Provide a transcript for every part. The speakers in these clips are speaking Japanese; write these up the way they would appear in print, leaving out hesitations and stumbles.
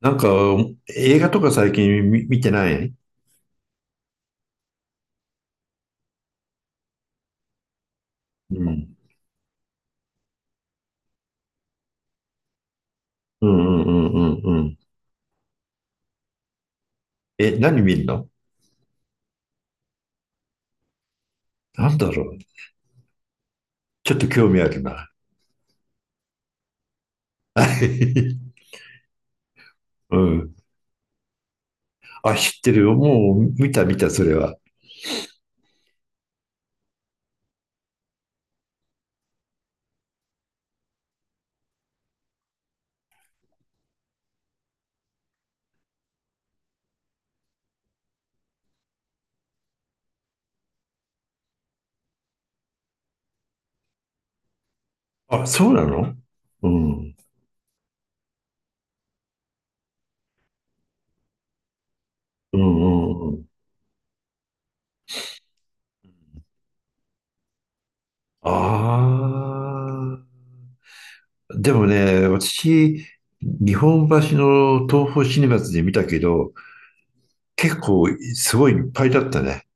なんか、映画とか最近見てない。うん。うんうんうんうんうん。え、何見るの？なんだろう。ちょっと興味あるな。はい。うん。あ、知ってるよ。もう見た見た、それは。あ、そうなの？うん。うんうんうん。ああ、でもね、私、日本橋の東宝シネマズで見たけど、結構すごいいっぱいだったね。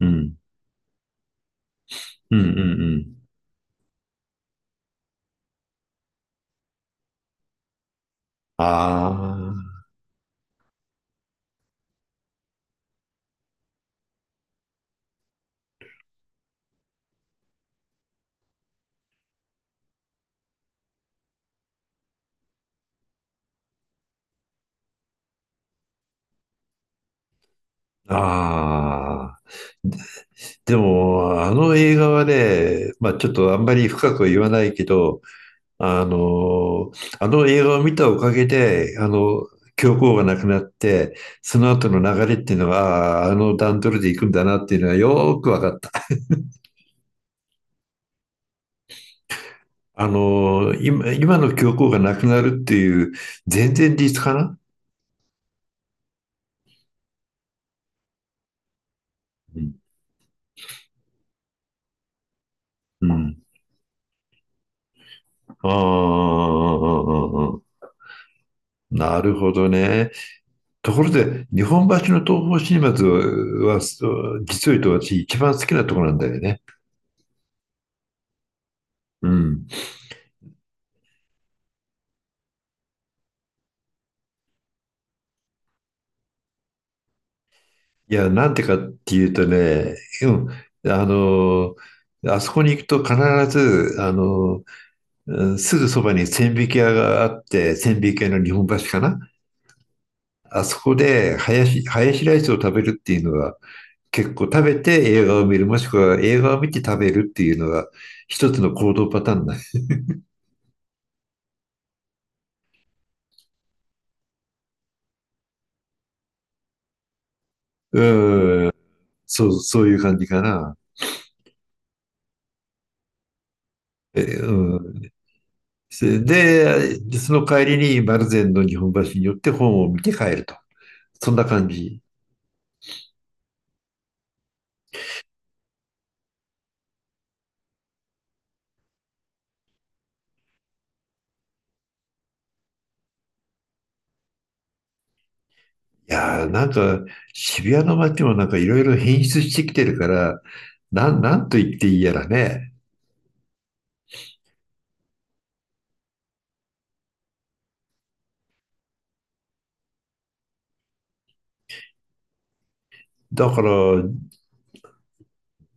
うん。うんうんうん。ああ、ああ。でも、あの映画はね、まあちょっとあんまり深くは言わないけど、あの、あの映画を見たおかげで、教皇が亡くなって、その後の流れっていうのが、あああの段取りで行くんだなっていうのはよーく分かった。今の教皇がなくなるっていう、全然日かな？うんうん。ああ、ああああなるほどね。ところで、日本橋の東宝シネマズは、実を言うと私一番好きなところなんだよね。うん。いや、なんてかっていうとね、うん、あそこに行くと必ず、うんすぐそばに千疋屋があって、千疋屋の日本橋かな？あそこで、ハヤシライスを食べるっていうのは、結構食べて映画を見る、もしくは映画を見て食べるっていうのが、一つの行動パターンだ。うん、そう、そういう感じかな。うん。で、その帰りに丸善の日本橋に寄って本を見て帰ると。そんな感じ。いやー、なんか渋谷の街もなんかいろいろ変質してきてるから、なんと言っていいやらね。だから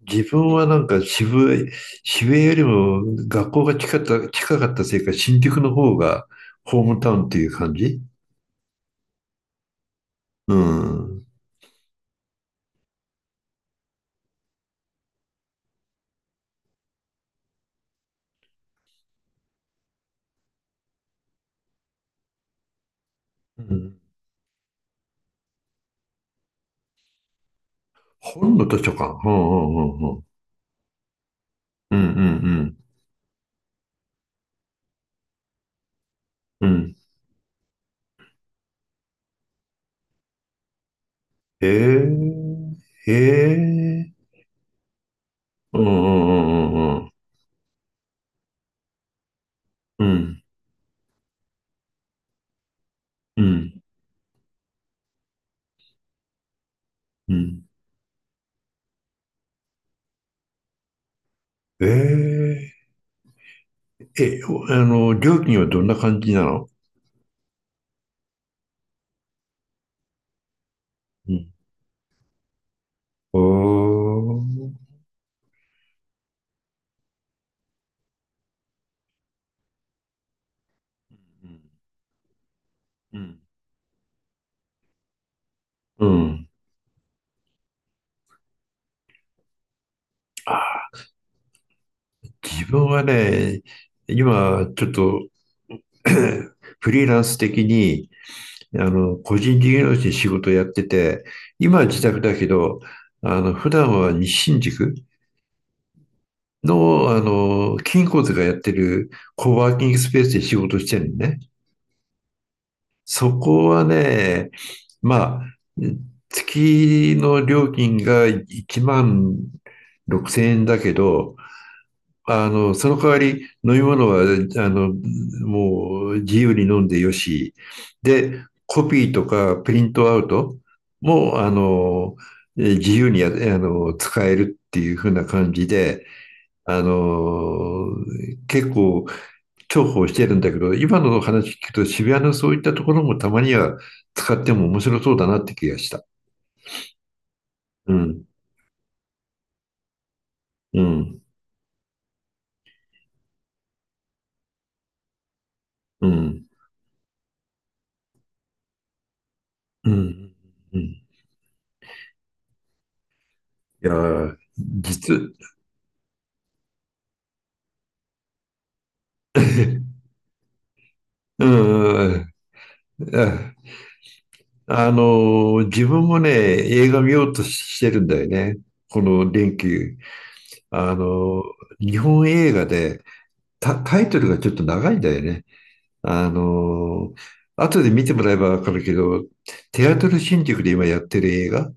自分はなんか渋谷よりも学校が近かったせいか新宿の方がホームタウンっていう感じ。うん。うん。本の図書館。うんうんうんうん。うんうんうん。うん。へえ。へえ。うんうんうんうんうん。うん。うん。うんええ。え、おあの、料金はどんな感じなの？うん。おー。うん。うん。うん。自分はね、今、ちょっと フリーランス的に、個人事業主に仕事をやってて、今は自宅だけど、普段は西新宿の、金骨がやってるコワーキングスペースで仕事してるのね。そこはね、まあ、月の料金が1万6000円だけど、その代わり飲み物は、もう自由に飲んでよし。で、コピーとかプリントアウトも、自由にや、あの、使えるっていう風な感じで、あの、結構重宝してるんだけど、今の話聞くと渋谷のそういったところもたまには使っても面白そうだなって気がした。うん、うん、うん、うん、うん。いやー、実、うん、うん自分もね、映画見ようとしてるんだよね。この連休。あの、日本映画で、タイトルがちょっと長いんだよね。あの、後で見てもらえばわかるけど、テアトル新宿で今やってる映画、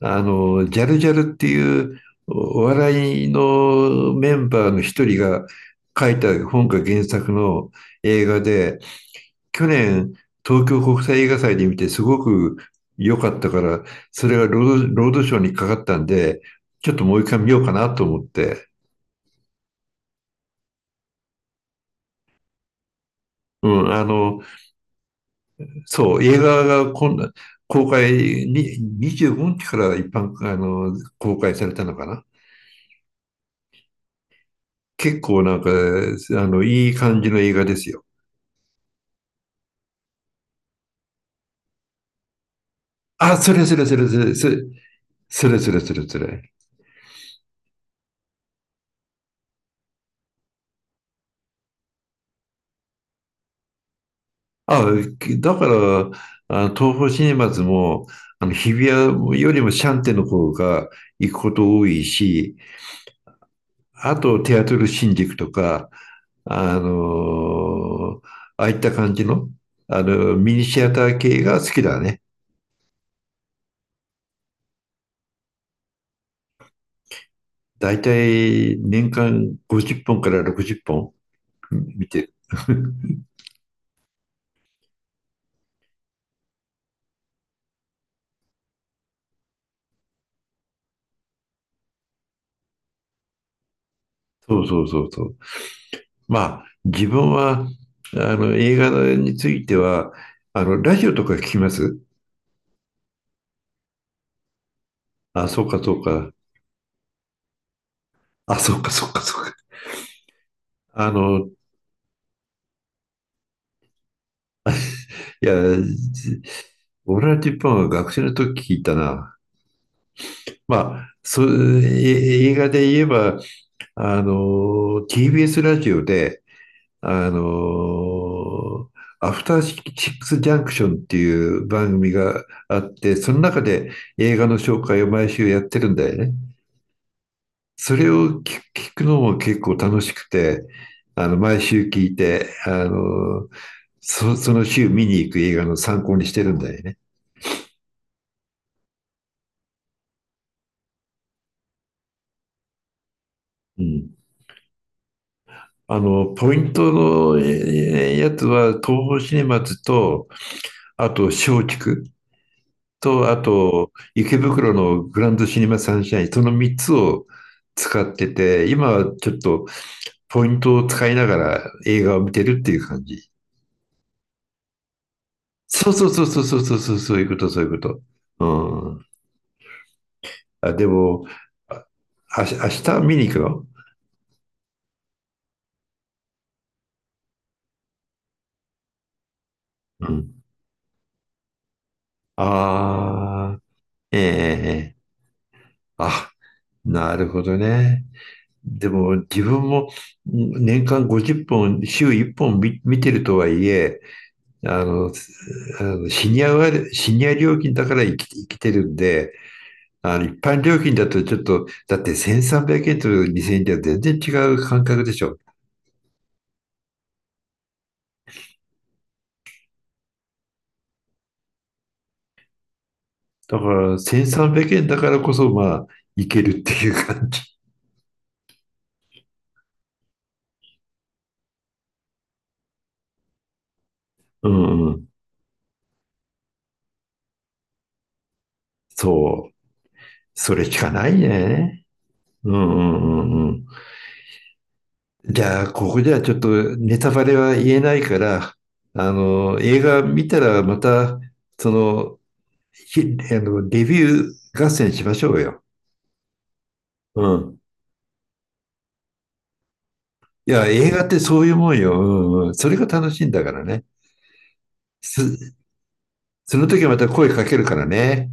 ジャルジャルっていうお笑いのメンバーの一人が書いた本が原作の映画で、去年、東京国際映画祭で見てすごく良かったから、それがロードショーにかかったんで、ちょっともう一回見ようかなと思って。うん、そう、映画が今度、公開に、25日から一般、公開されたのかな？結構なんか、いい感じの映画ですよ。あ、それそれそれそれ、それそれそれそれそれ。あ、だから、東宝シネマズも、日比谷よりもシャンテの方が行くこと多いし、あと、テアトル新宿とか、あのーああいった感じの、ミニシアター系が好きだね。だいたい年間50本から60本見てる。そうそうそうそう。まあ、自分は、映画については、ラジオとか聞きます？あ、そうかそうか。あ、そっかそっかそっか。いや、俺オー本ナッンは学生の時聞いたな。まあ、そう、映画で言えば、TBS ラジオで、あの、アフターシックスジャンクションっていう番組があって、その中で映画の紹介を毎週やってるんだよね。それを聞くのも結構楽しくて、毎週聞いて、その週見に行く映画の参考にしてるんだよね。うん。ポイントのやつは、東宝シネマズと、あと、松竹と、あと、池袋のグランドシネマサンシャイン、その3つを使ってて、今はちょっとポイントを使いながら映画を見てるっていう感じ。そうそうそうそうそうそうそう、そういうこと、そういうこと。うん。あ、でも、あ、あし明日見に行くの？うん。ああ、ええええあ、なるほどね。でも自分も年間50本、週1本見てるとはいえ、あの、シニア料金だから生きてるんで、一般料金だとちょっと、だって1300円と2000円では全然違う感覚でしょ。だから1300円だからこそ、まあ、いけるっていう感じ。うんうん。そう。それしかないね。うんうんうんうん。じゃあ、ここではちょっとネタバレは言えないから、映画見たらまた、その、ひあの、レビュー合戦しましょうよ。うん。いや、映画ってそういうもんよ。うんうん。それが楽しいんだからね。す、その時はまた声かけるからね。